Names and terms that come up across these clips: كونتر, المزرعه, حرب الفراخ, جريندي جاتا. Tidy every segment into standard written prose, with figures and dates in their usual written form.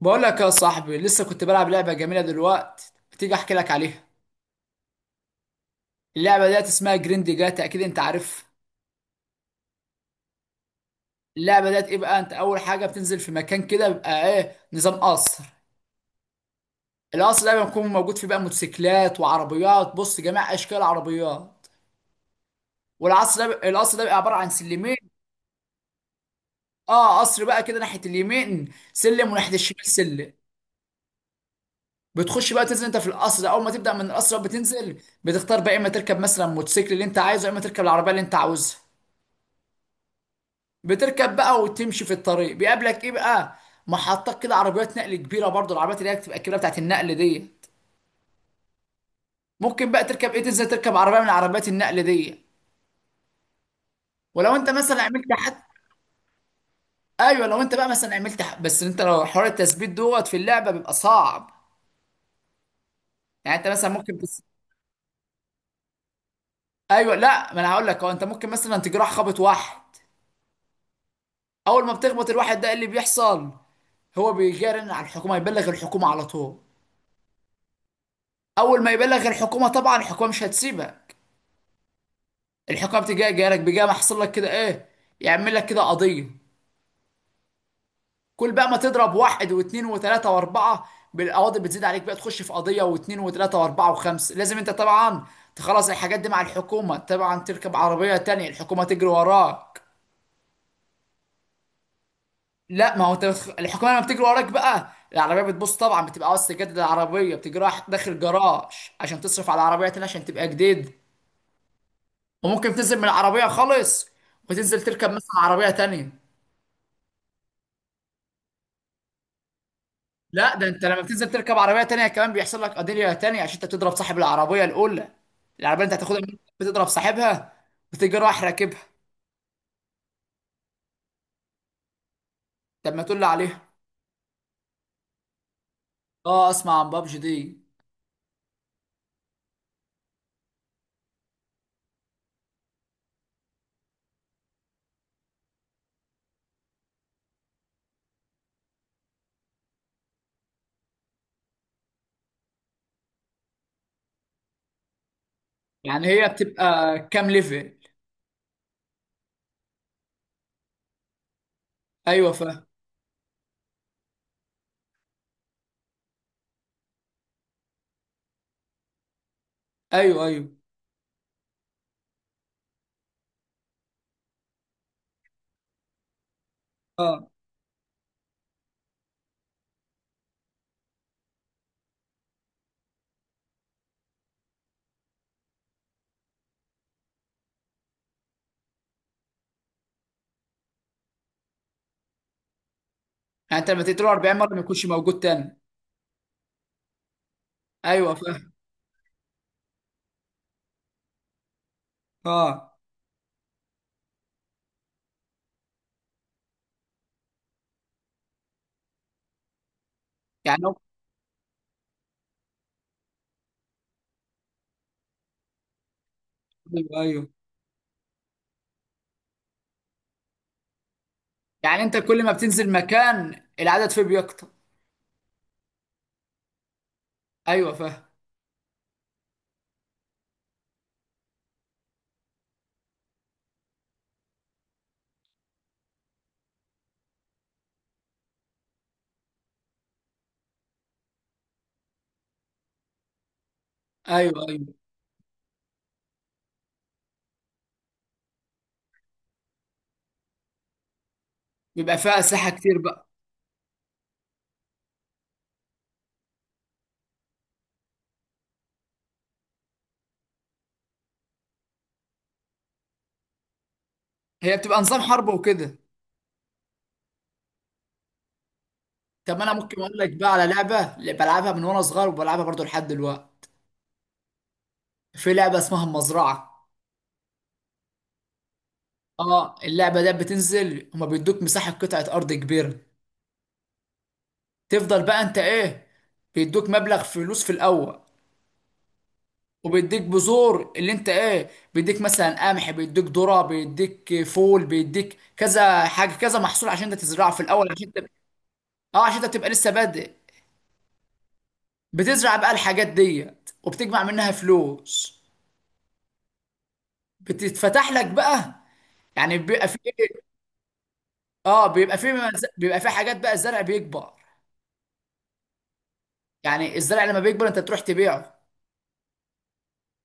بقول لك يا صاحبي، لسه كنت بلعب لعبة جميلة دلوقتي، بتيجي احكي لك عليها. اللعبة ديت اسمها جريندي جاتا، اكيد انت عارف. اللعبة ديت ايه بقى، انت اول حاجة بتنزل في مكان كده بيبقى ايه، نظام قصر. القصر ده بيكون موجود فيه بقى موتوسيكلات وعربيات، بص جميع اشكال العربيات. والقصر ده بيبقى عبارة عن سلمين. اه، قصر بقى كده، ناحية اليمين سلم وناحية الشمال سلم. بتخش بقى تنزل انت في القصر ده، اول ما تبدأ من القصر بقى بتنزل، بتختار بقى اما تركب مثلا موتوسيكل اللي انت عايزه، يا اما تركب العربية اللي انت عاوزها. بتركب بقى وتمشي في الطريق، بيقابلك ايه بقى، محطات كده، عربيات نقل كبيره، برضو العربيات اللي هي بتبقى الكبيره بتاعت النقل دي. ممكن بقى تركب ايه، تنزل تركب عربيه من عربيات النقل دي. ولو انت مثلا عملت حد. ايوه، لو انت بقى مثلا بس انت لو حوار التثبيت دوت في اللعبه بيبقى صعب. يعني انت مثلا ممكن ايوه، لا، ما انا هقول لك، هو انت ممكن مثلا تجرح، خبط واحد، اول ما بتخبط الواحد ده إيه اللي بيحصل، هو بيجرن على الحكومه، يبلغ الحكومه على طول. اول ما يبلغ الحكومه، طبعا الحكومه مش هتسيبك. الحكام تجي جالك، بيجي محصل لك كده ايه، يعمل لك كده قضيه. كل بقى ما تضرب واحد واثنين وثلاثه واربعه بالقواضي، بتزيد عليك بقى، تخش في قضيه واثنين وثلاثه واربعه وخمسه، لازم انت طبعا تخلص الحاجات دي مع الحكومه. طبعا تركب عربيه تانية، الحكومه تجري وراك. لا، ما هو انت الحكومه لما بتجري وراك بقى العربيه بتبص طبعا، بتبقى عاوز تجدد العربيه، بتجريها داخل جراج عشان تصرف على العربيه تانية عشان تبقى جديد. وممكن تنزل من العربيه خالص وتنزل تركب مثلا عربيه تانية. لا، ده انت لما بتنزل تركب عربيه تانية كمان بيحصل لك قضيه تانية، عشان انت بتضرب صاحب العربيه الاولى، العربيه اللي انت هتاخدها، منك بتضرب صاحبها، بتيجي رايح راكبها. طب ما تقول لي عليها. اه، اسمع عن بابجي دي. يعني هي بتبقى كام ليفل؟ ايوه، فاهم. ايوه، ايوه. اه، يعني انت لما تقتله 40 مره ما يكونش موجود تاني؟ ايوه، فاهم. اه، يعني ايوه، ايوه. يعني انت كل ما بتنزل مكان العدد فيه بيكتر؟ ايوه، فاهم. ايوه، ايوه. بيبقى فيها اسلحه كتير بقى. هي بتبقى نظام حرب وكده؟ طب انا ممكن اقول لك بقى على لعبه اللي بلعبها من وانا صغير، وبلعبها برضو لحد دلوقتي. في لعبه اسمها المزرعه. اه، اللعبه دي بتنزل، هما بيدوك مساحه، قطعه ارض كبيره. تفضل بقى انت ايه، بيدوك مبلغ فلوس في الاول، وبيديك بذور، اللي انت ايه، بيديك مثلا قمح، بيديك ذره، بيديك فول، بيديك كذا حاجه، كذا محصول، عشان انت تزرعه في الاول عشان تبقى. اه، عشان انت تبقى لسه بادئ. بتزرع بقى الحاجات ديت وبتجمع منها فلوس. بتتفتح لك بقى. يعني بيبقى في إيه، اه، بيبقى في بيبقى في حاجات بقى، الزرع بيكبر. يعني الزرع لما بيكبر انت تروح تبيعه.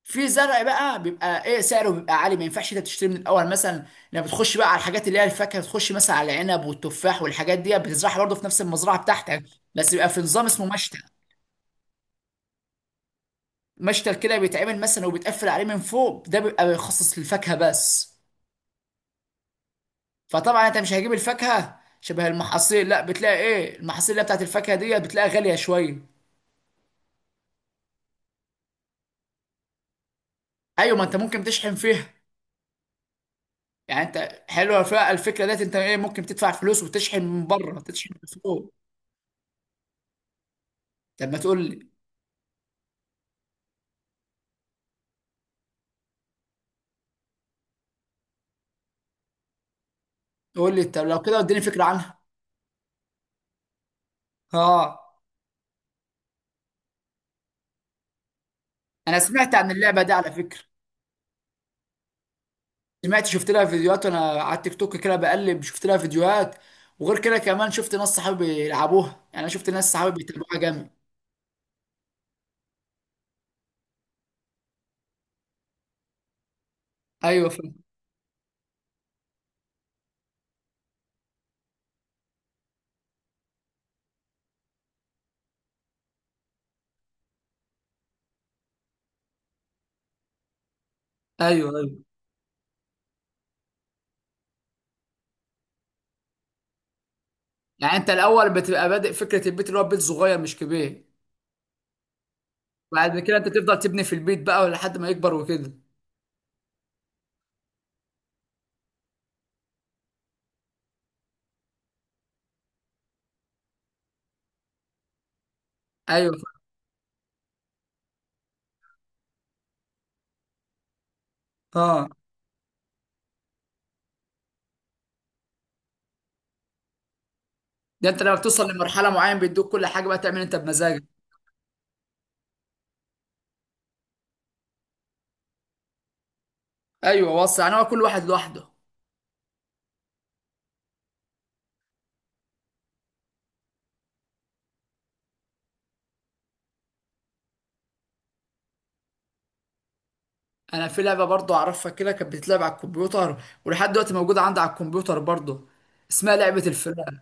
في زرع بقى بيبقى ايه سعره، بيبقى عالي، ما ينفعش انت تشتري من الاول مثلا. لما بتخش بقى على الحاجات اللي هي الفاكهه، بتخش مثلا على العنب والتفاح والحاجات دي، بتزرعها برضه في نفس المزرعه بتاعتك. بس بيبقى في نظام اسمه مشتل. مشتل كده بيتعمل مثلا، وبيتقفل عليه من فوق، ده بيبقى بيخصص للفاكهه بس. فطبعا انت مش هجيب الفاكهه شبه المحاصيل، لا، بتلاقي ايه، المحاصيل اللي هي بتاعت الفاكهه دي بتلاقيها غاليه شويه. ايوه، ما انت ممكن تشحن فيها. يعني انت حلوه فيها الفكره ديت، انت ايه، ممكن تدفع فلوس وتشحن من بره، تشحن من فوق. طب ما تقول لي. تقول لي، طب لو كده اديني فكره عنها. اه، انا سمعت عن اللعبه دي على فكره. سمعت، شفت لها فيديوهات وانا على التيك توك كده بقلب، شفت لها فيديوهات. وغير كده كمان شفت ناس صحابي بيلعبوها، يعني انا شفت ناس صحابي بيتابعوها جامد. ايوه، فاهم. ايوه، ايوه. يعني انت الاول بتبقى بادئ فكره البيت، اللي هو بيت صغير مش كبير. بعد كده انت تفضل تبني في البيت بقى لحد ما يكبر وكده. ايوه، فاهم. اه. ده انت لما بتوصل لمرحله معينه بيدوك كل حاجه بقى، تعمل انت بمزاجك. ايوه، وصل. يعني هو كل واحد لوحده. انا في لعبه برضه اعرفها كده، كانت بتتلعب على الكمبيوتر، ولحد دلوقتي موجوده عندي على الكمبيوتر برضه، اسمها لعبه الفراخ.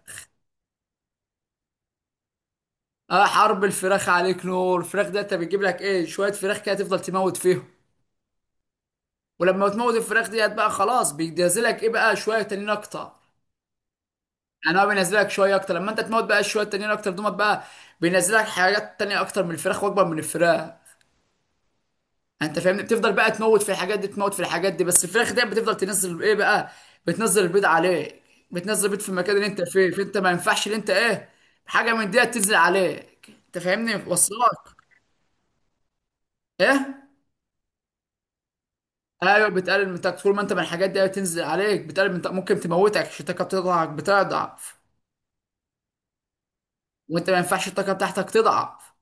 اه، حرب الفراخ، عليك نور. الفراخ ده انت بتجيب لك ايه، شويه فراخ كده، تفضل تموت فيهم. ولما تموت الفراخ ديت بقى خلاص بينزلك ايه بقى، شويه تانيين اكتر. يعني هو بينزلك شويه اكتر، لما انت تموت بقى شويه تانيين اكتر دومت بقى. بينزلك حاجات تانية اكتر من الفراخ واكبر من الفراخ. انت فاهمني، بتفضل بقى تموت في الحاجات دي، تموت في الحاجات دي، بس الفراخ دي بتفضل تنزل ايه بقى، بتنزل البيض عليك. بتنزل البيض في المكان اللي انت فيه، فانت ما ينفعش اللي انت ايه، حاجه من دي تنزل عليك. انت فاهمني، وصلك؟ ايه؟ ايوه، بتقلل من طاقتك. طول ما انت من الحاجات دي بتنزل عليك بتقلل من طاقتك، ممكن تموتك، عشان الطاقه بتاعتك بتضعف، وانت ما ينفعش الطاقه بتاعتك تضعف.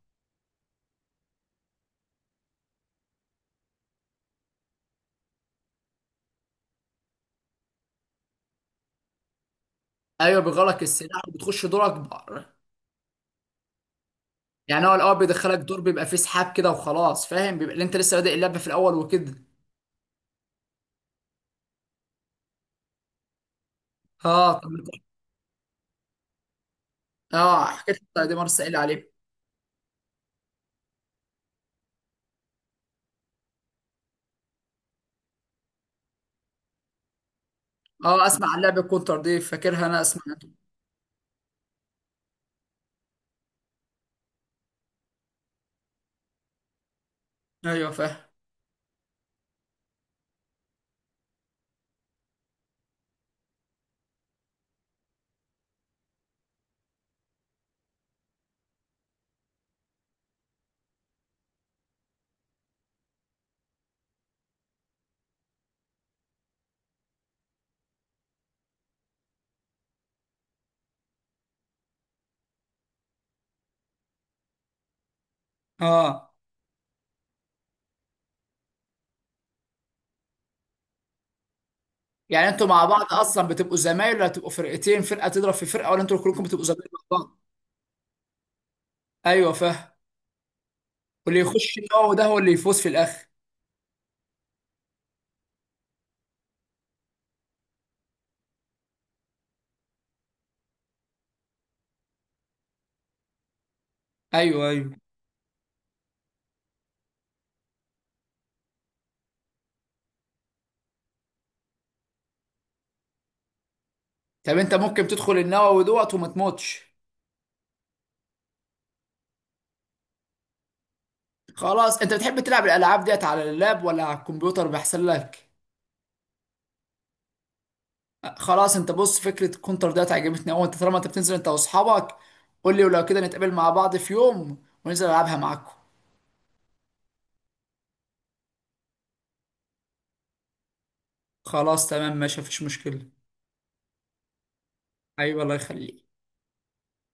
ايوه، بيغلق السلاح وبتخش دور اكبر. يعني هو الاول بيدخلك دور بيبقى فيه سحاب كده وخلاص، فاهم، بيبقى اللي انت لسه بادئ اللعبه في الاول وكده. اه، طب. اه، حكيت لك، طيب، دي مرة سائل عليه. اه، اسمع عن لعبة كونتر دي، فاكرها، انا اسمع. ايوه، فاهم. اه، يعني انتوا مع بعض اصلا بتبقوا زمايل، ولا بتبقوا فرقتين، فرقة تضرب في فرقة، ولا انتوا كلكم بتبقوا زمايل مع بعض؟ ايوه، فاهم. واللي يخش النووي ده هو اللي يفوز في الاخر؟ ايوه، ايوه. طب انت ممكن تدخل النووي دوت وما تموتش؟ خلاص، انت بتحب تلعب الالعاب ديت على اللاب ولا على الكمبيوتر بيحسن لك؟ خلاص، انت بص، فكره الكونتر ديت عجبتني قوي، انت طالما انت بتنزل انت واصحابك قول لي، ولو كده نتقابل مع بعض في يوم وننزل العبها معاكم. خلاص، تمام، ماشي، مفيش مشكله. حبيبي، الله يخليك.